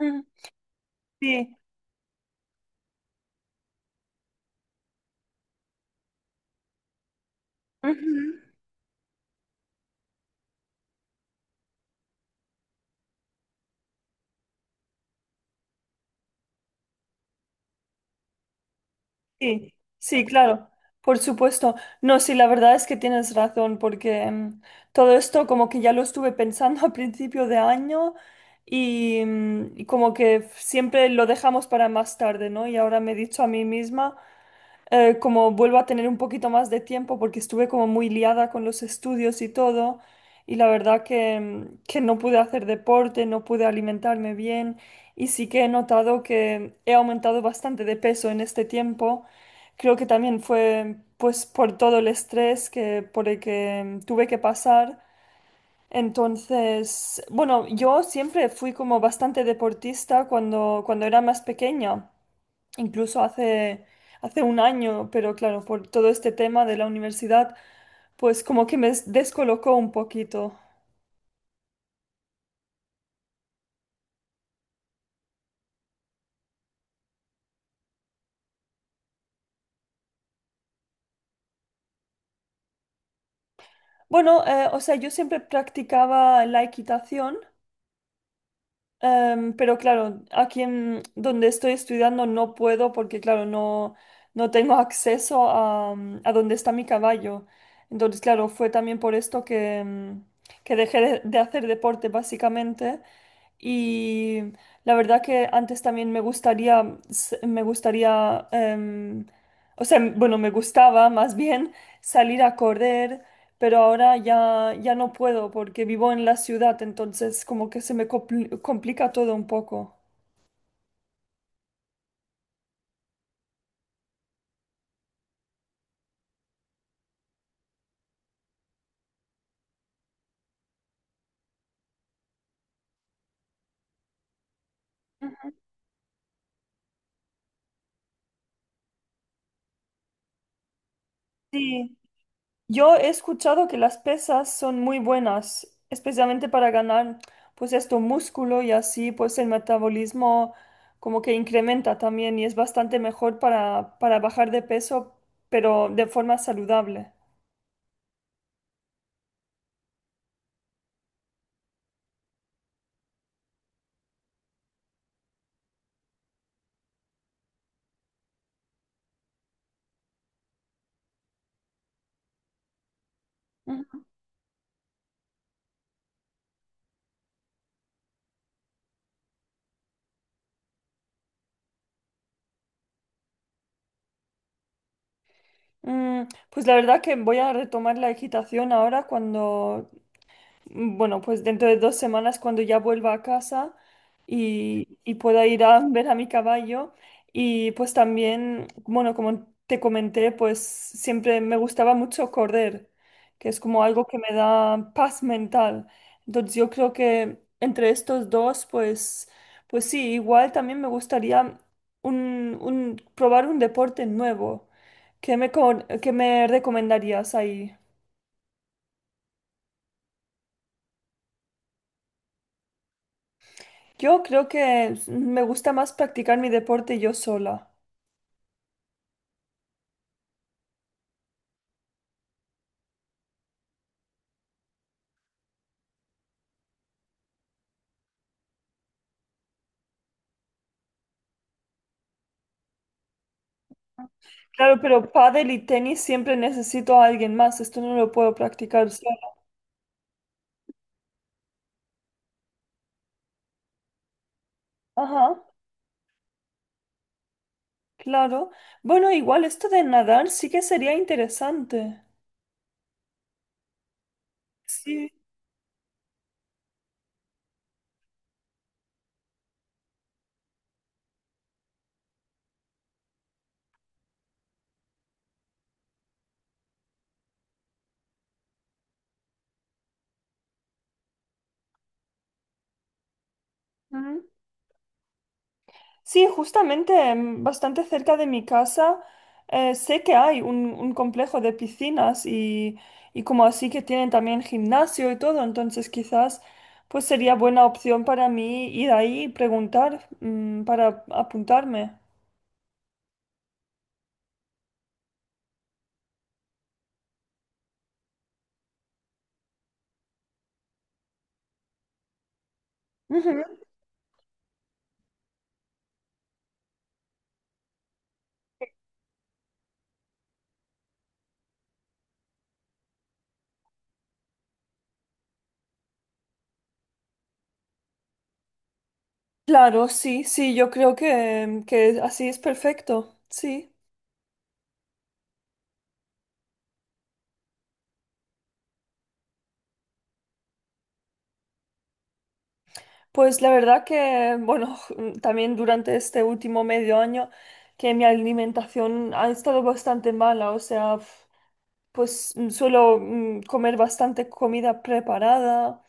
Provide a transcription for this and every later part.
Mm, sí, ujú, sí, sí, claro, por supuesto. No, sí, la verdad es que tienes razón, porque todo esto como que ya lo estuve pensando a principio de año y como que siempre lo dejamos para más tarde, ¿no? Y ahora me he dicho a mí misma, como vuelvo a tener un poquito más de tiempo porque estuve como muy liada con los estudios y todo y la verdad que no pude hacer deporte, no pude alimentarme bien y sí que he notado que he aumentado bastante de peso en este tiempo. Creo que también fue pues por todo el estrés por el que tuve que pasar. Entonces, bueno, yo siempre fui como bastante deportista cuando era más pequeña, incluso hace un año, pero claro, por todo este tema de la universidad, pues como que me descolocó un poquito. Bueno, o sea, yo siempre practicaba la equitación. Pero claro, aquí en donde estoy estudiando no puedo, porque claro, no, no tengo acceso a donde está mi caballo. Entonces, claro, fue también por esto que dejé de hacer deporte básicamente. Y la verdad que antes también me gustaría, o sea, bueno, me gustaba más bien salir a correr, pero ahora ya, ya no puedo porque vivo en la ciudad, entonces como que se me complica todo un poco. Ujú. Sí, yo he escuchado que las pesas son muy buenas, especialmente para ganar pues esto músculo, y así pues el metabolismo como que incrementa también y es bastante mejor para bajar de peso, pero de forma saludable. Pues la verdad que voy a retomar la equitación ahora cuando Bueno, pues dentro de 2 semanas cuando ya vuelva a casa y pueda ir a ver a mi caballo. Y pues también, bueno, como te comenté, pues siempre me gustaba mucho correr, que es como algo que me da paz mental. Entonces yo creo que entre estos dos, pues sí, igual también me gustaría probar un deporte nuevo. ¿Qué me recomendarías ahí? Yo creo que me gusta más practicar mi deporte yo sola. Claro, pero pádel y tenis siempre necesito a alguien más. Esto no lo puedo practicar sola. Ajá, claro. Bueno, igual esto de nadar sí que sería interesante. Sí. Ujú. Sí, justamente bastante cerca de mi casa, sé que hay un complejo de piscinas, y como así que tienen también gimnasio y todo, entonces quizás pues sería buena opción para mí ir ahí y preguntar, para apuntarme. Ujú. Claro, sí, sí, yo creo que así es perfecto, sí. Pues la verdad que, bueno, también durante este último medio año que mi alimentación ha estado bastante mala, o sea. Pues suelo comer bastante comida preparada,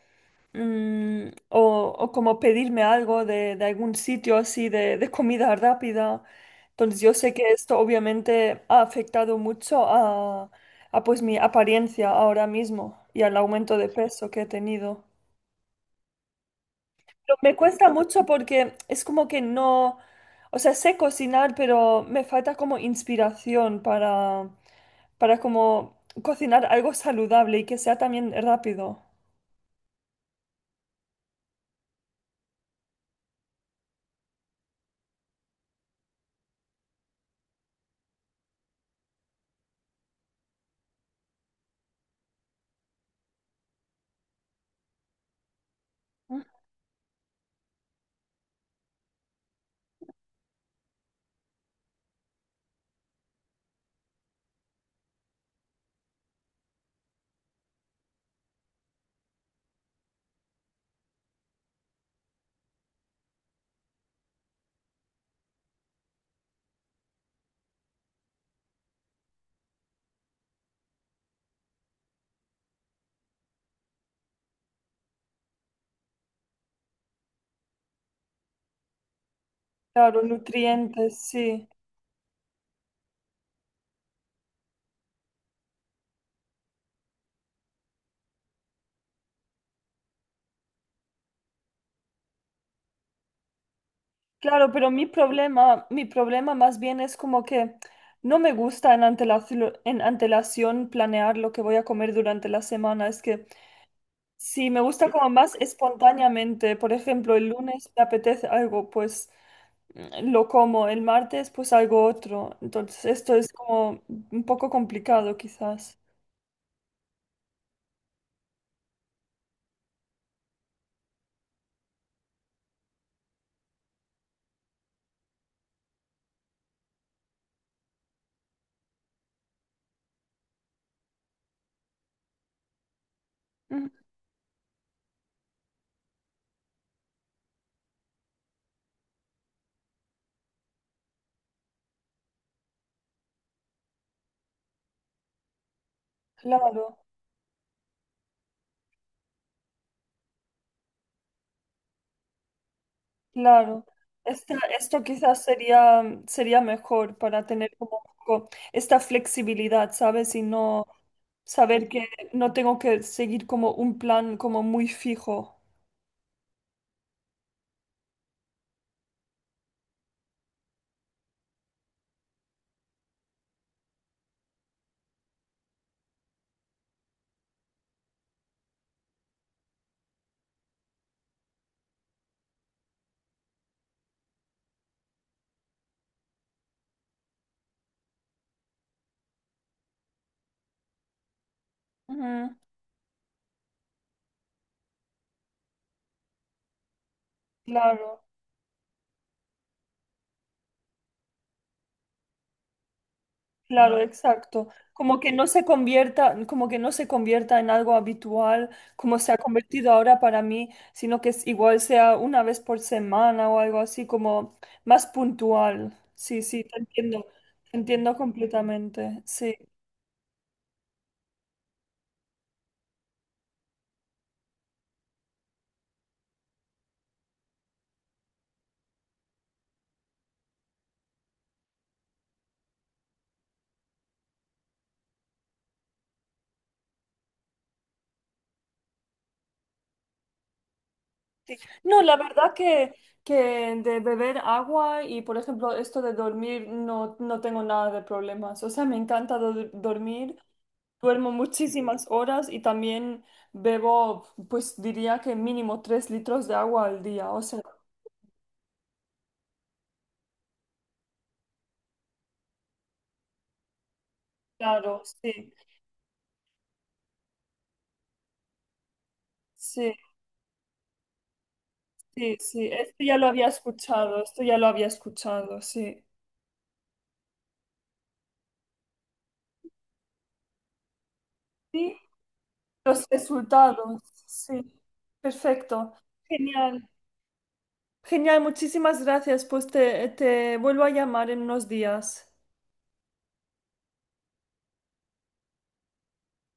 o como pedirme algo de algún sitio, así de comida rápida. Entonces yo sé que esto obviamente ha afectado mucho a pues mi apariencia ahora mismo y al aumento de peso que he tenido. Me cuesta mucho porque es como que no, o sea, sé cocinar, pero me falta como inspiración para como cocinar algo saludable y que sea también rápido. Claro, nutrientes, sí. Claro, pero mi problema más bien es como que no me gusta en antelación planear lo que voy a comer durante la semana. Es que. Sí, me gusta como más espontáneamente. Por ejemplo, el lunes me apetece algo, pues lo como. El martes, pues algo otro. Entonces, esto es como un poco complicado, quizás. Mm, claro, claro. Esto quizás sería mejor para tener como un poco esta flexibilidad, ¿sabes? Y no saber que no tengo que seguir como un plan como muy fijo. Ujú, claro. Claro, exacto. Como que no se convierta, como que no se convierta en algo habitual, como se ha convertido ahora para mí, sino que igual sea una vez por semana o algo así, como más puntual. Sí, sí, te entiendo completamente. Sí, sí. No, la verdad que de beber agua y, por ejemplo, esto de dormir, no, no tengo nada de problemas. O sea, me encanta dormir. Duermo muchísimas horas y también bebo, pues diría que mínimo 3 litros de agua al día. O sea, claro, sí, sí, sí, sí. Esto ya lo había escuchado, esto ya lo había escuchado, sí. Sí, los resultados, sí. Perfecto. Genial. Genial, muchísimas gracias. Pues te vuelvo a llamar en unos días.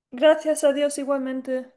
Gracias a Dios igualmente.